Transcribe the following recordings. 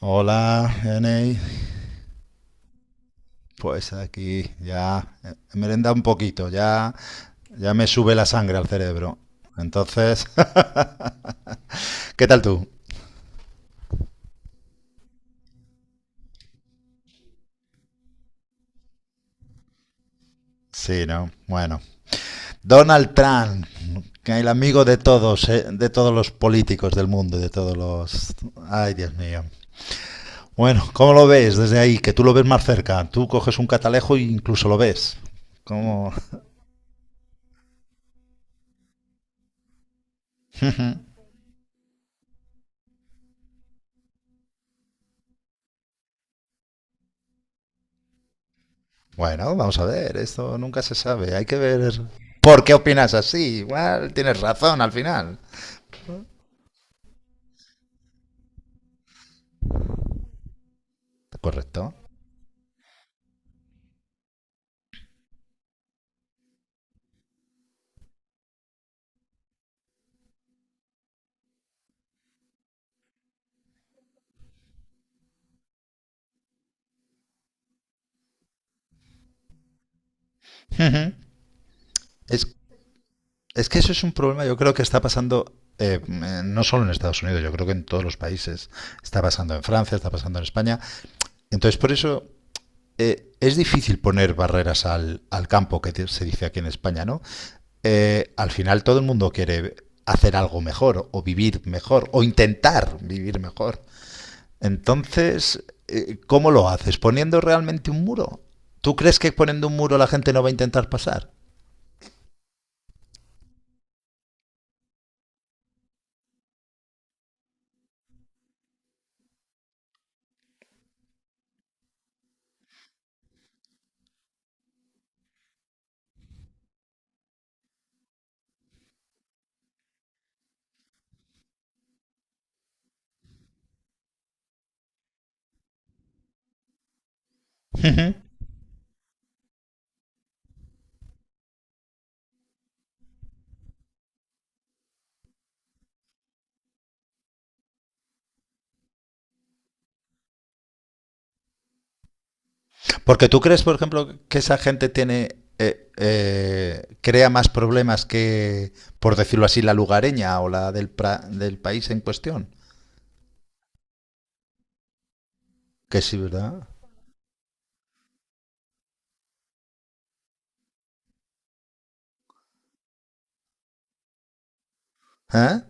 Hola, Enei. Pues aquí ya he merendado un poquito, ya, ya me sube la sangre al cerebro. Entonces, ¿qué tal tú? Sí, ¿no? Bueno. Donald Trump, que el amigo de todos los políticos del mundo, de todos los... Ay, Dios mío. Bueno, ¿cómo lo ves desde ahí? Que tú lo ves más cerca. Tú coges un catalejo e incluso lo ves. ¿Cómo? Bueno, vamos a ver, esto nunca se sabe. Hay que ver por qué opinas así. Igual tienes razón al final. Correcto. Uh-huh. Es, es que eso es un problema, yo creo que está pasando no solo en Estados Unidos, yo creo que en todos los países. Está pasando en Francia, está pasando en España. Entonces, por eso es difícil poner barreras al campo, que se dice aquí en España, ¿no? Al final todo el mundo quiere hacer algo mejor o vivir mejor o intentar vivir mejor. Entonces, ¿cómo lo haces? ¿Poniendo realmente un muro? ¿Tú crees que poniendo un muro la gente no va a intentar pasar? Porque tú crees, por ejemplo, que esa gente tiene crea más problemas que, por decirlo así, la lugareña o la del, del país en cuestión. Que sí, ¿verdad? ¿Eh?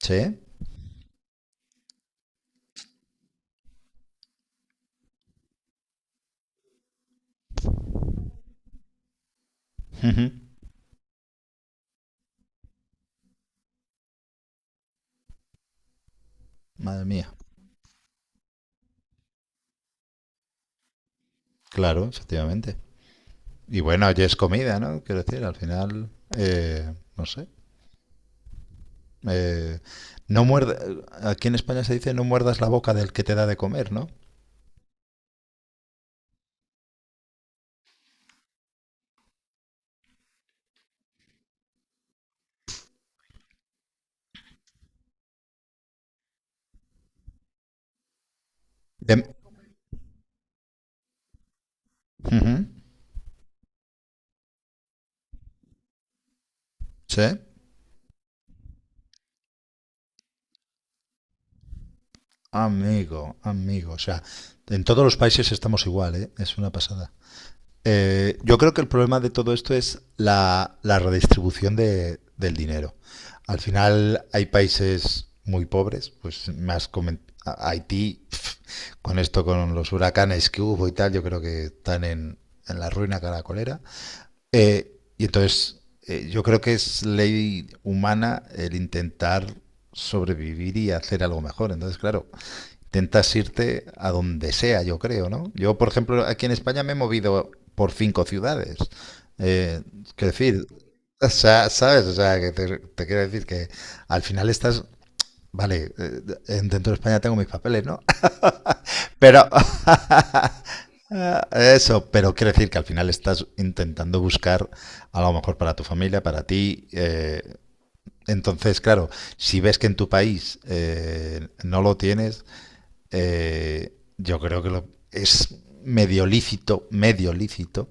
Sí. Madre mía. Claro, efectivamente. Y bueno, ya es comida, ¿no? Quiero decir, al final, no sé. Eh, no muerde, aquí en España se dice no muerdas la boca del que te da de comer, ¿no? De- Ujú, sí, amigo, amigo. O sea, en todos los países estamos igual, ¿eh? Es una pasada. Yo creo que el problema de todo esto es la redistribución del dinero. Al final hay países muy pobres, pues Haití, pf, con esto, con los huracanes que hubo y tal, yo creo que están en la ruina caracolera. Y entonces, yo creo que es ley humana el intentar sobrevivir y hacer algo mejor. Entonces, claro, intentas irte a donde sea, yo creo, ¿no? Yo, por ejemplo, aquí en España me he movido por cinco ciudades. Eh, Quiero decir, o sea, ¿sabes? O sea, que te quiero decir que al final estás, vale, dentro de España tengo mis papeles, ¿no? Pero... Eso, pero quiero decir que al final estás intentando buscar a lo mejor para tu familia, para ti. Entonces, claro, si ves que en tu país no lo tienes, yo creo que es medio lícito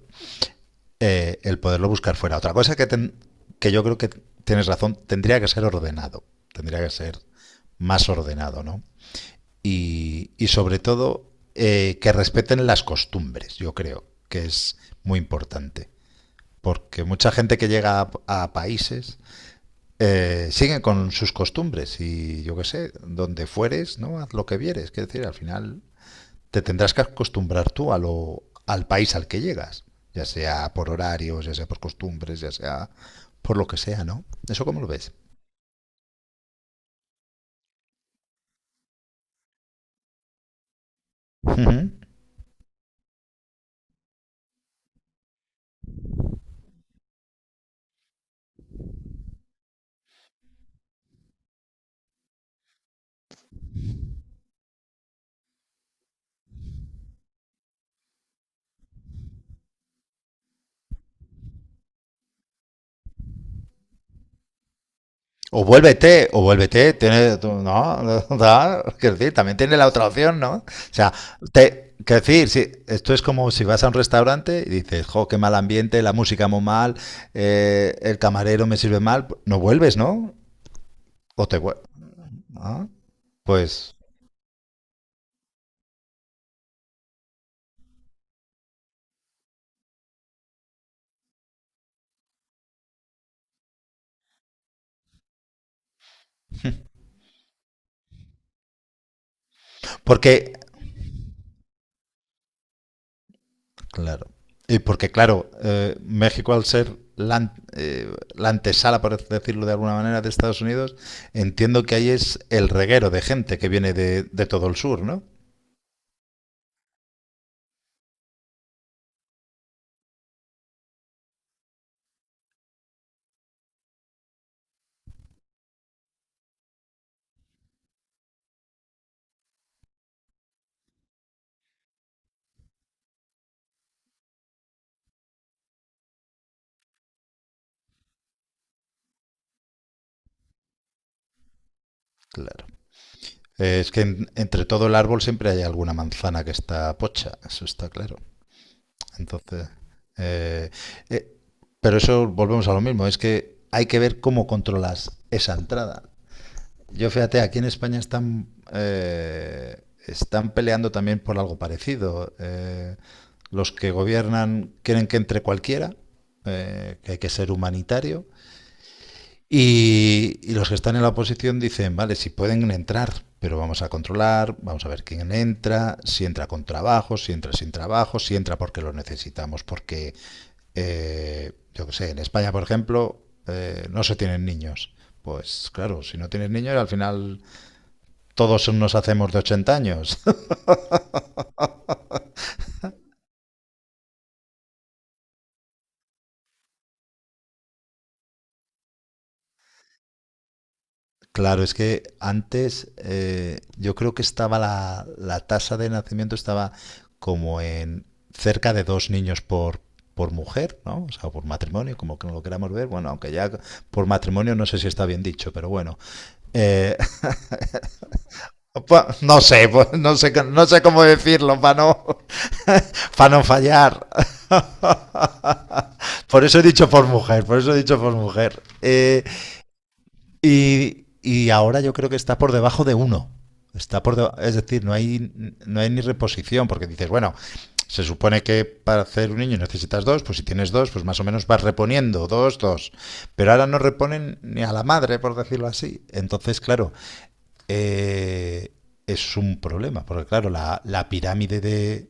el poderlo buscar fuera. Otra cosa que, que yo creo que tienes razón, tendría que ser ordenado, tendría que ser más ordenado, ¿no? Y, y sobre todo que respeten las costumbres, yo creo, que es muy importante. Porque mucha gente que llega a países sigue con sus costumbres y yo qué sé, donde fueres, ¿no? Haz lo que vieres. Quiero decir, al final te tendrás que acostumbrar tú a lo, al país al que llegas, ya sea por horarios, ya sea por costumbres, ya sea por lo que sea, ¿no? ¿Eso cómo lo ves? Uh -huh. O vuélvete, tiene, no, no, quiero decir, también tiene la otra opción, ¿no? O sea, te, quiero decir, si, esto es como si vas a un restaurante y dices, jo, qué mal ambiente, la música muy mal, el camarero me sirve mal, pues, no vuelves, ¿no? O te vuelves, ¿no? Pues, porque, claro, y porque, claro, México al ser la, eh, la antesala, por decirlo de alguna manera, de Estados Unidos, entiendo que ahí es el reguero de gente que viene de todo el sur, ¿no? Claro. Es que entre todo el árbol siempre hay alguna manzana que está pocha, eso está claro. Entonces, eh, eh, pero eso volvemos a lo mismo, es que hay que ver cómo controlas esa entrada. Yo fíjate, aquí en España están, eh, están peleando también por algo parecido. Los que gobiernan quieren que entre cualquiera, que hay que ser humanitario, y los que están en la oposición dicen, vale, si pueden entrar, pero vamos a controlar, vamos a ver quién entra, si entra con trabajo, si entra sin trabajo, si entra porque lo necesitamos, porque, yo qué sé, en España, por ejemplo, no se tienen niños. Pues claro, si no tienes niños, al final todos nos hacemos de 80 años. Claro, es que antes yo creo que estaba la tasa de nacimiento estaba como en cerca de dos niños por mujer, ¿no? O sea, por matrimonio, como que no lo queramos ver. Bueno, aunque ya por matrimonio no sé si está bien dicho, pero bueno. Eh, pues, no sé, no sé cómo decirlo para no, para no fallar. Por eso he dicho por mujer, por eso he dicho por mujer. Y, y ahora yo creo que está por debajo de uno. Está por es decir, no hay, no hay ni reposición, porque dices, bueno, se supone que para hacer un niño necesitas dos, pues si tienes dos, pues más o menos vas reponiendo, dos, dos. Pero ahora no reponen ni a la madre, por decirlo así. Entonces, claro, eh, es un problema, porque claro, la pirámide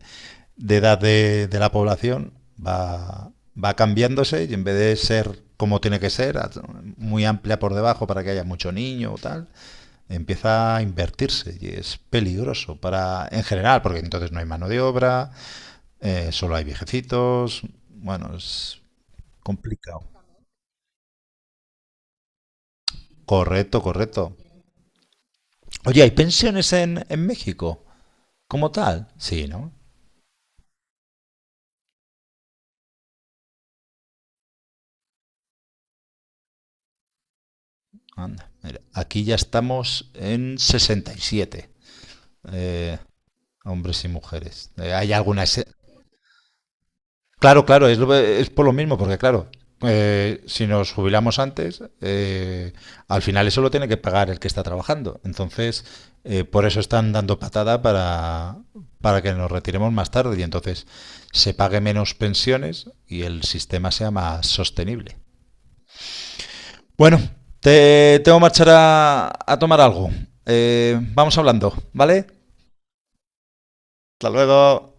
de edad de la población va, va cambiándose y en vez de ser como tiene que ser, muy amplia por debajo para que haya mucho niño o tal, empieza a invertirse y es peligroso para en general, porque entonces no hay mano de obra, solo hay viejecitos, bueno, es complicado. Correcto, correcto. Oye, ¿hay pensiones en México como tal? Sí, ¿no? Anda, mira, aquí ya estamos en 67. Eh, hombres y mujeres. Hay algunas. Claro, claro, es, es por lo mismo, porque claro, si nos jubilamos antes, al final eso lo tiene que pagar el que está trabajando. Entonces, por eso están dando patada para que nos retiremos más tarde y entonces se pague menos pensiones y el sistema sea más sostenible. Bueno, te tengo que marchar a tomar algo. Vamos hablando, ¿vale? Hasta luego.